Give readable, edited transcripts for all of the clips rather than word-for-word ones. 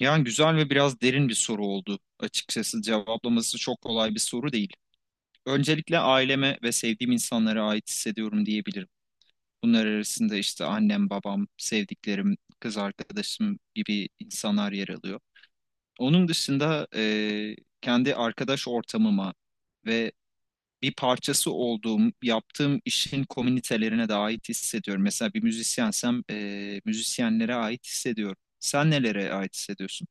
Yani güzel ve biraz derin bir soru oldu açıkçası. Cevaplaması çok kolay bir soru değil. Öncelikle aileme ve sevdiğim insanlara ait hissediyorum diyebilirim. Bunlar arasında işte annem, babam, sevdiklerim, kız arkadaşım gibi insanlar yer alıyor. Onun dışında kendi arkadaş ortamıma ve bir parçası olduğum, yaptığım işin komünitelerine de ait hissediyorum. Mesela bir müzisyensem müzisyenlere ait hissediyorum. Sen nelere ait hissediyorsun?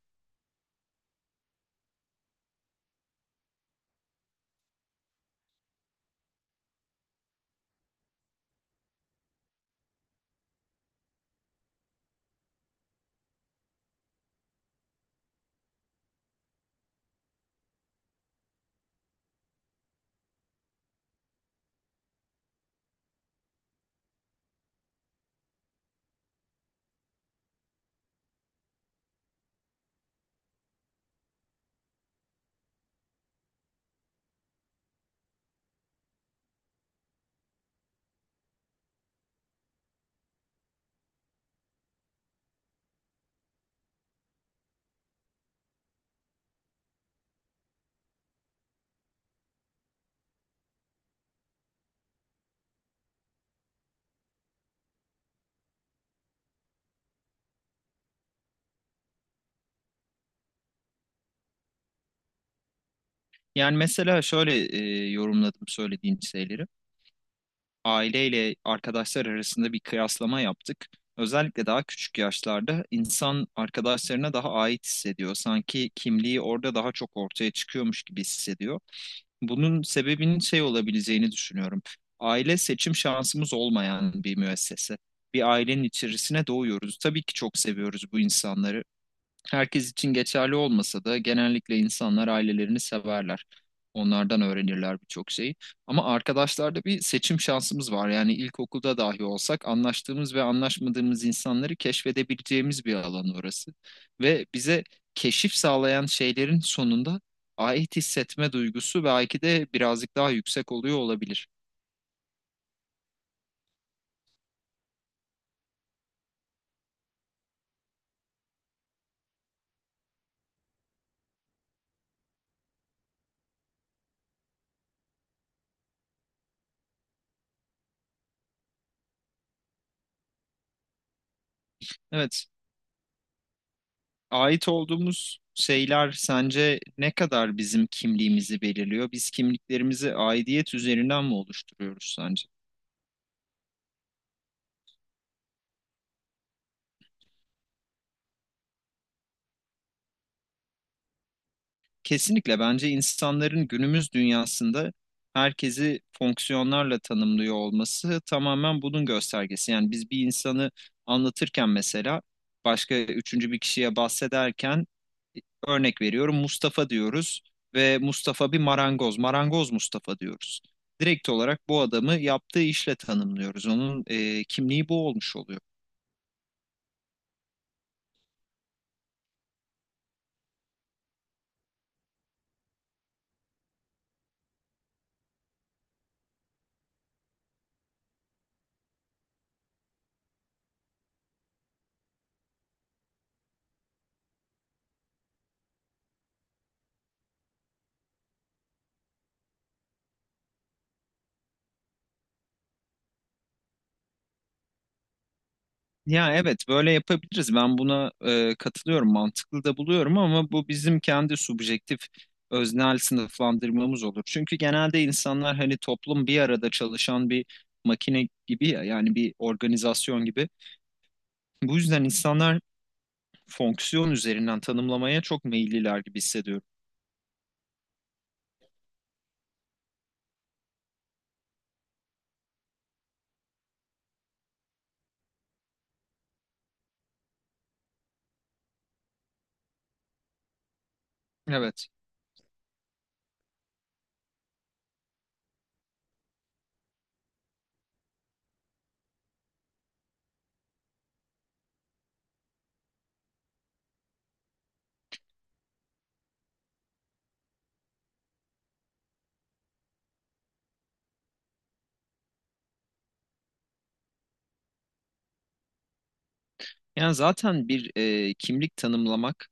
Yani mesela şöyle yorumladım söylediğin şeyleri. Aileyle arkadaşlar arasında bir kıyaslama yaptık. Özellikle daha küçük yaşlarda insan arkadaşlarına daha ait hissediyor. Sanki kimliği orada daha çok ortaya çıkıyormuş gibi hissediyor. Bunun sebebinin şey olabileceğini düşünüyorum. Aile seçim şansımız olmayan bir müessese. Bir ailenin içerisine doğuyoruz. Tabii ki çok seviyoruz bu insanları. Herkes için geçerli olmasa da genellikle insanlar ailelerini severler. Onlardan öğrenirler birçok şeyi. Ama arkadaşlarda bir seçim şansımız var. Yani ilkokulda dahi olsak anlaştığımız ve anlaşmadığımız insanları keşfedebileceğimiz bir alan orası. Ve bize keşif sağlayan şeylerin sonunda ait hissetme duygusu belki de birazcık daha yüksek oluyor olabilir. Evet, ait olduğumuz şeyler sence ne kadar bizim kimliğimizi belirliyor? Biz kimliklerimizi aidiyet üzerinden mi oluşturuyoruz sence? Kesinlikle bence insanların günümüz dünyasında herkesi fonksiyonlarla tanımlıyor olması tamamen bunun göstergesi. Yani biz bir insanı anlatırken mesela başka üçüncü bir kişiye bahsederken e, örnek veriyorum Mustafa diyoruz ve Mustafa bir marangoz, marangoz Mustafa diyoruz. Direkt olarak bu adamı yaptığı işle tanımlıyoruz. Onun kimliği bu olmuş oluyor. Ya evet böyle yapabiliriz. Ben buna katılıyorum, mantıklı da buluyorum ama bu bizim kendi subjektif öznel sınıflandırmamız olur. Çünkü genelde insanlar hani toplum bir arada çalışan bir makine gibi ya yani bir organizasyon gibi. Bu yüzden insanlar fonksiyon üzerinden tanımlamaya çok meyilliler gibi hissediyorum. Evet. Yani zaten bir kimlik tanımlamak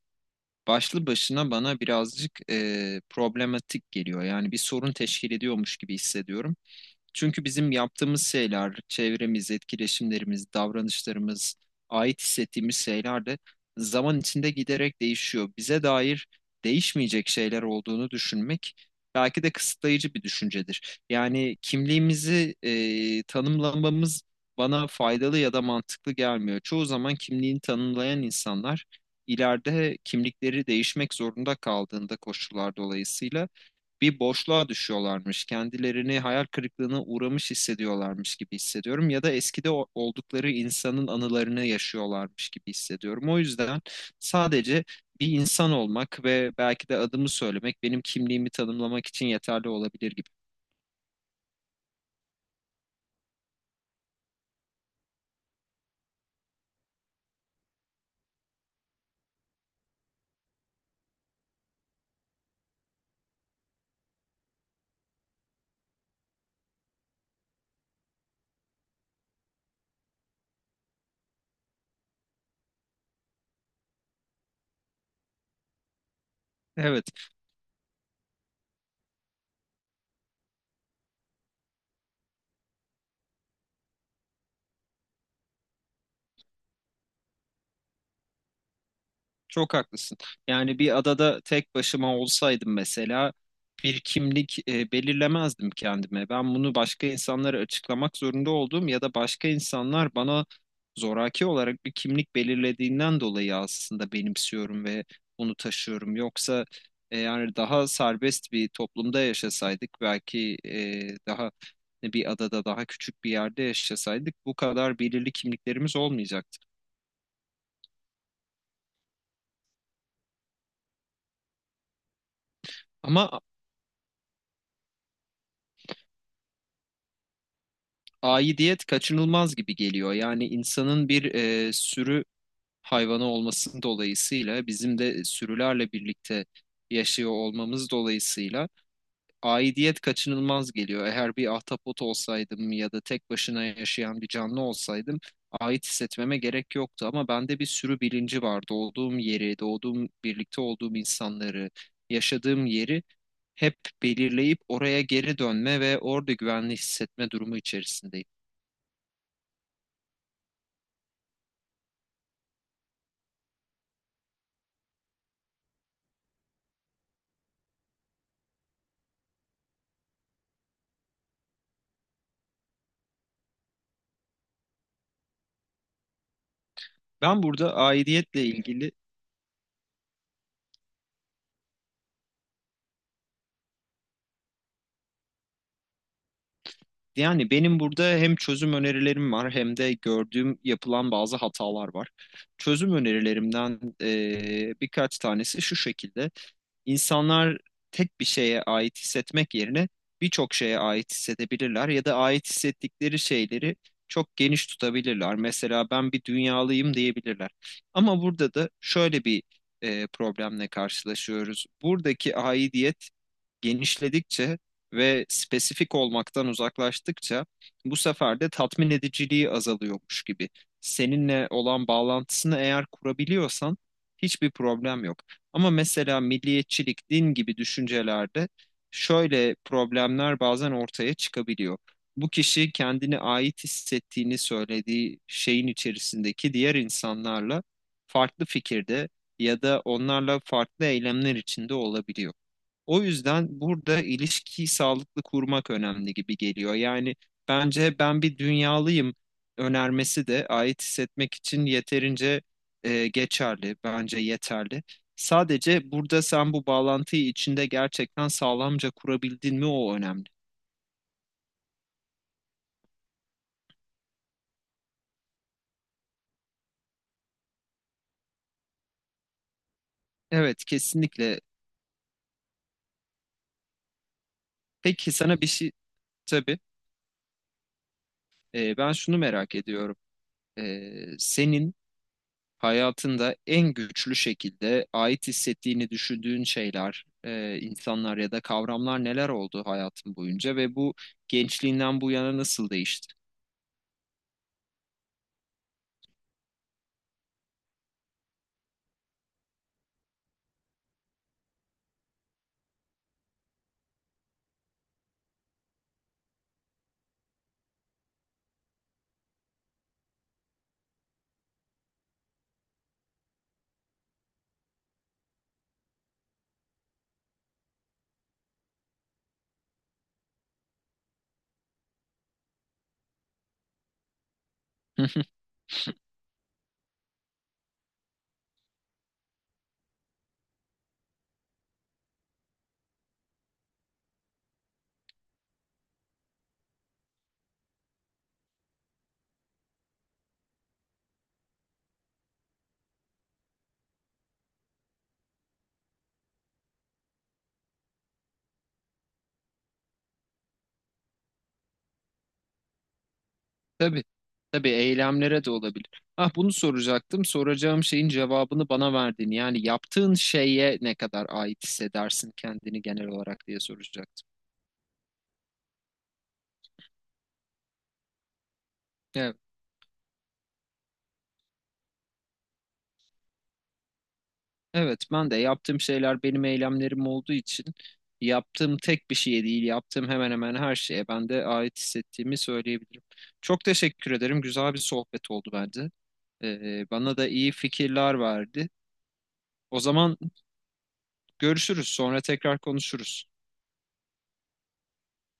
başlı başına bana birazcık problematik geliyor. Yani bir sorun teşkil ediyormuş gibi hissediyorum. Çünkü bizim yaptığımız şeyler, çevremiz, etkileşimlerimiz, davranışlarımız, ait hissettiğimiz şeyler de zaman içinde giderek değişiyor. Bize dair değişmeyecek şeyler olduğunu düşünmek belki de kısıtlayıcı bir düşüncedir. Yani kimliğimizi tanımlamamız bana faydalı ya da mantıklı gelmiyor. Çoğu zaman kimliğini tanımlayan insanlar ileride kimlikleri değişmek zorunda kaldığında koşullar dolayısıyla bir boşluğa düşüyorlarmış. Kendilerini hayal kırıklığına uğramış hissediyorlarmış gibi hissediyorum ya da eskide oldukları insanın anılarını yaşıyorlarmış gibi hissediyorum. O yüzden sadece bir insan olmak ve belki de adımı söylemek benim kimliğimi tanımlamak için yeterli olabilir gibi. Evet. Çok haklısın. Yani bir adada tek başıma olsaydım mesela bir kimlik belirlemezdim kendime. Ben bunu başka insanlara açıklamak zorunda olduğum ya da başka insanlar bana zoraki olarak bir kimlik belirlediğinden dolayı aslında benimsiyorum ve bunu taşıyorum. Yoksa yani daha serbest bir toplumda yaşasaydık belki daha bir adada daha küçük bir yerde yaşasaydık bu kadar belirli kimliklerimiz olmayacaktı. Ama aidiyet kaçınılmaz gibi geliyor. Yani insanın bir sürü hayvanı olması dolayısıyla bizim de sürülerle birlikte yaşıyor olmamız dolayısıyla aidiyet kaçınılmaz geliyor. Eğer bir ahtapot olsaydım ya da tek başına yaşayan bir canlı olsaydım ait hissetmeme gerek yoktu ama bende bir sürü bilinci var. Doğduğum yeri, doğduğum birlikte olduğum insanları, yaşadığım yeri hep belirleyip oraya geri dönme ve orada güvenli hissetme durumu içerisindeyim. Ben burada aidiyetle ilgili yani benim burada hem çözüm önerilerim var hem de gördüğüm yapılan bazı hatalar var. Çözüm önerilerimden birkaç tanesi şu şekilde. İnsanlar tek bir şeye ait hissetmek yerine birçok şeye ait hissedebilirler ya da ait hissettikleri şeyleri çok geniş tutabilirler. Mesela ben bir dünyalıyım diyebilirler. Ama burada da şöyle bir problemle karşılaşıyoruz. Buradaki aidiyet genişledikçe ve spesifik olmaktan uzaklaştıkça bu sefer de tatmin ediciliği azalıyormuş gibi. Seninle olan bağlantısını eğer kurabiliyorsan hiçbir problem yok. Ama mesela milliyetçilik, din gibi düşüncelerde şöyle problemler bazen ortaya çıkabiliyor. Bu kişi kendini ait hissettiğini söylediği şeyin içerisindeki diğer insanlarla farklı fikirde ya da onlarla farklı eylemler içinde olabiliyor. O yüzden burada ilişkiyi sağlıklı kurmak önemli gibi geliyor. Yani bence ben bir dünyalıyım önermesi de ait hissetmek için yeterince geçerli, bence yeterli. Sadece burada sen bu bağlantıyı içinde gerçekten sağlamca kurabildin mi o önemli. Evet, kesinlikle. Peki sana bir şey tabii ben şunu merak ediyorum. Senin hayatında en güçlü şekilde ait hissettiğini düşündüğün şeyler, insanlar ya da kavramlar neler oldu hayatın boyunca ve bu gençliğinden bu yana nasıl değişti? Tabii, tabii eylemlere de olabilir. Ah bunu soracaktım. Soracağım şeyin cevabını bana verdin. Yani yaptığın şeye ne kadar ait hissedersin kendini genel olarak diye soracaktım. Evet. Evet, ben de yaptığım şeyler benim eylemlerim olduğu için yaptığım tek bir şeye değil, yaptığım hemen hemen her şeye ben de ait hissettiğimi söyleyebilirim. Çok teşekkür ederim. Güzel bir sohbet oldu bence. Bana da iyi fikirler verdi. O zaman görüşürüz, sonra tekrar konuşuruz.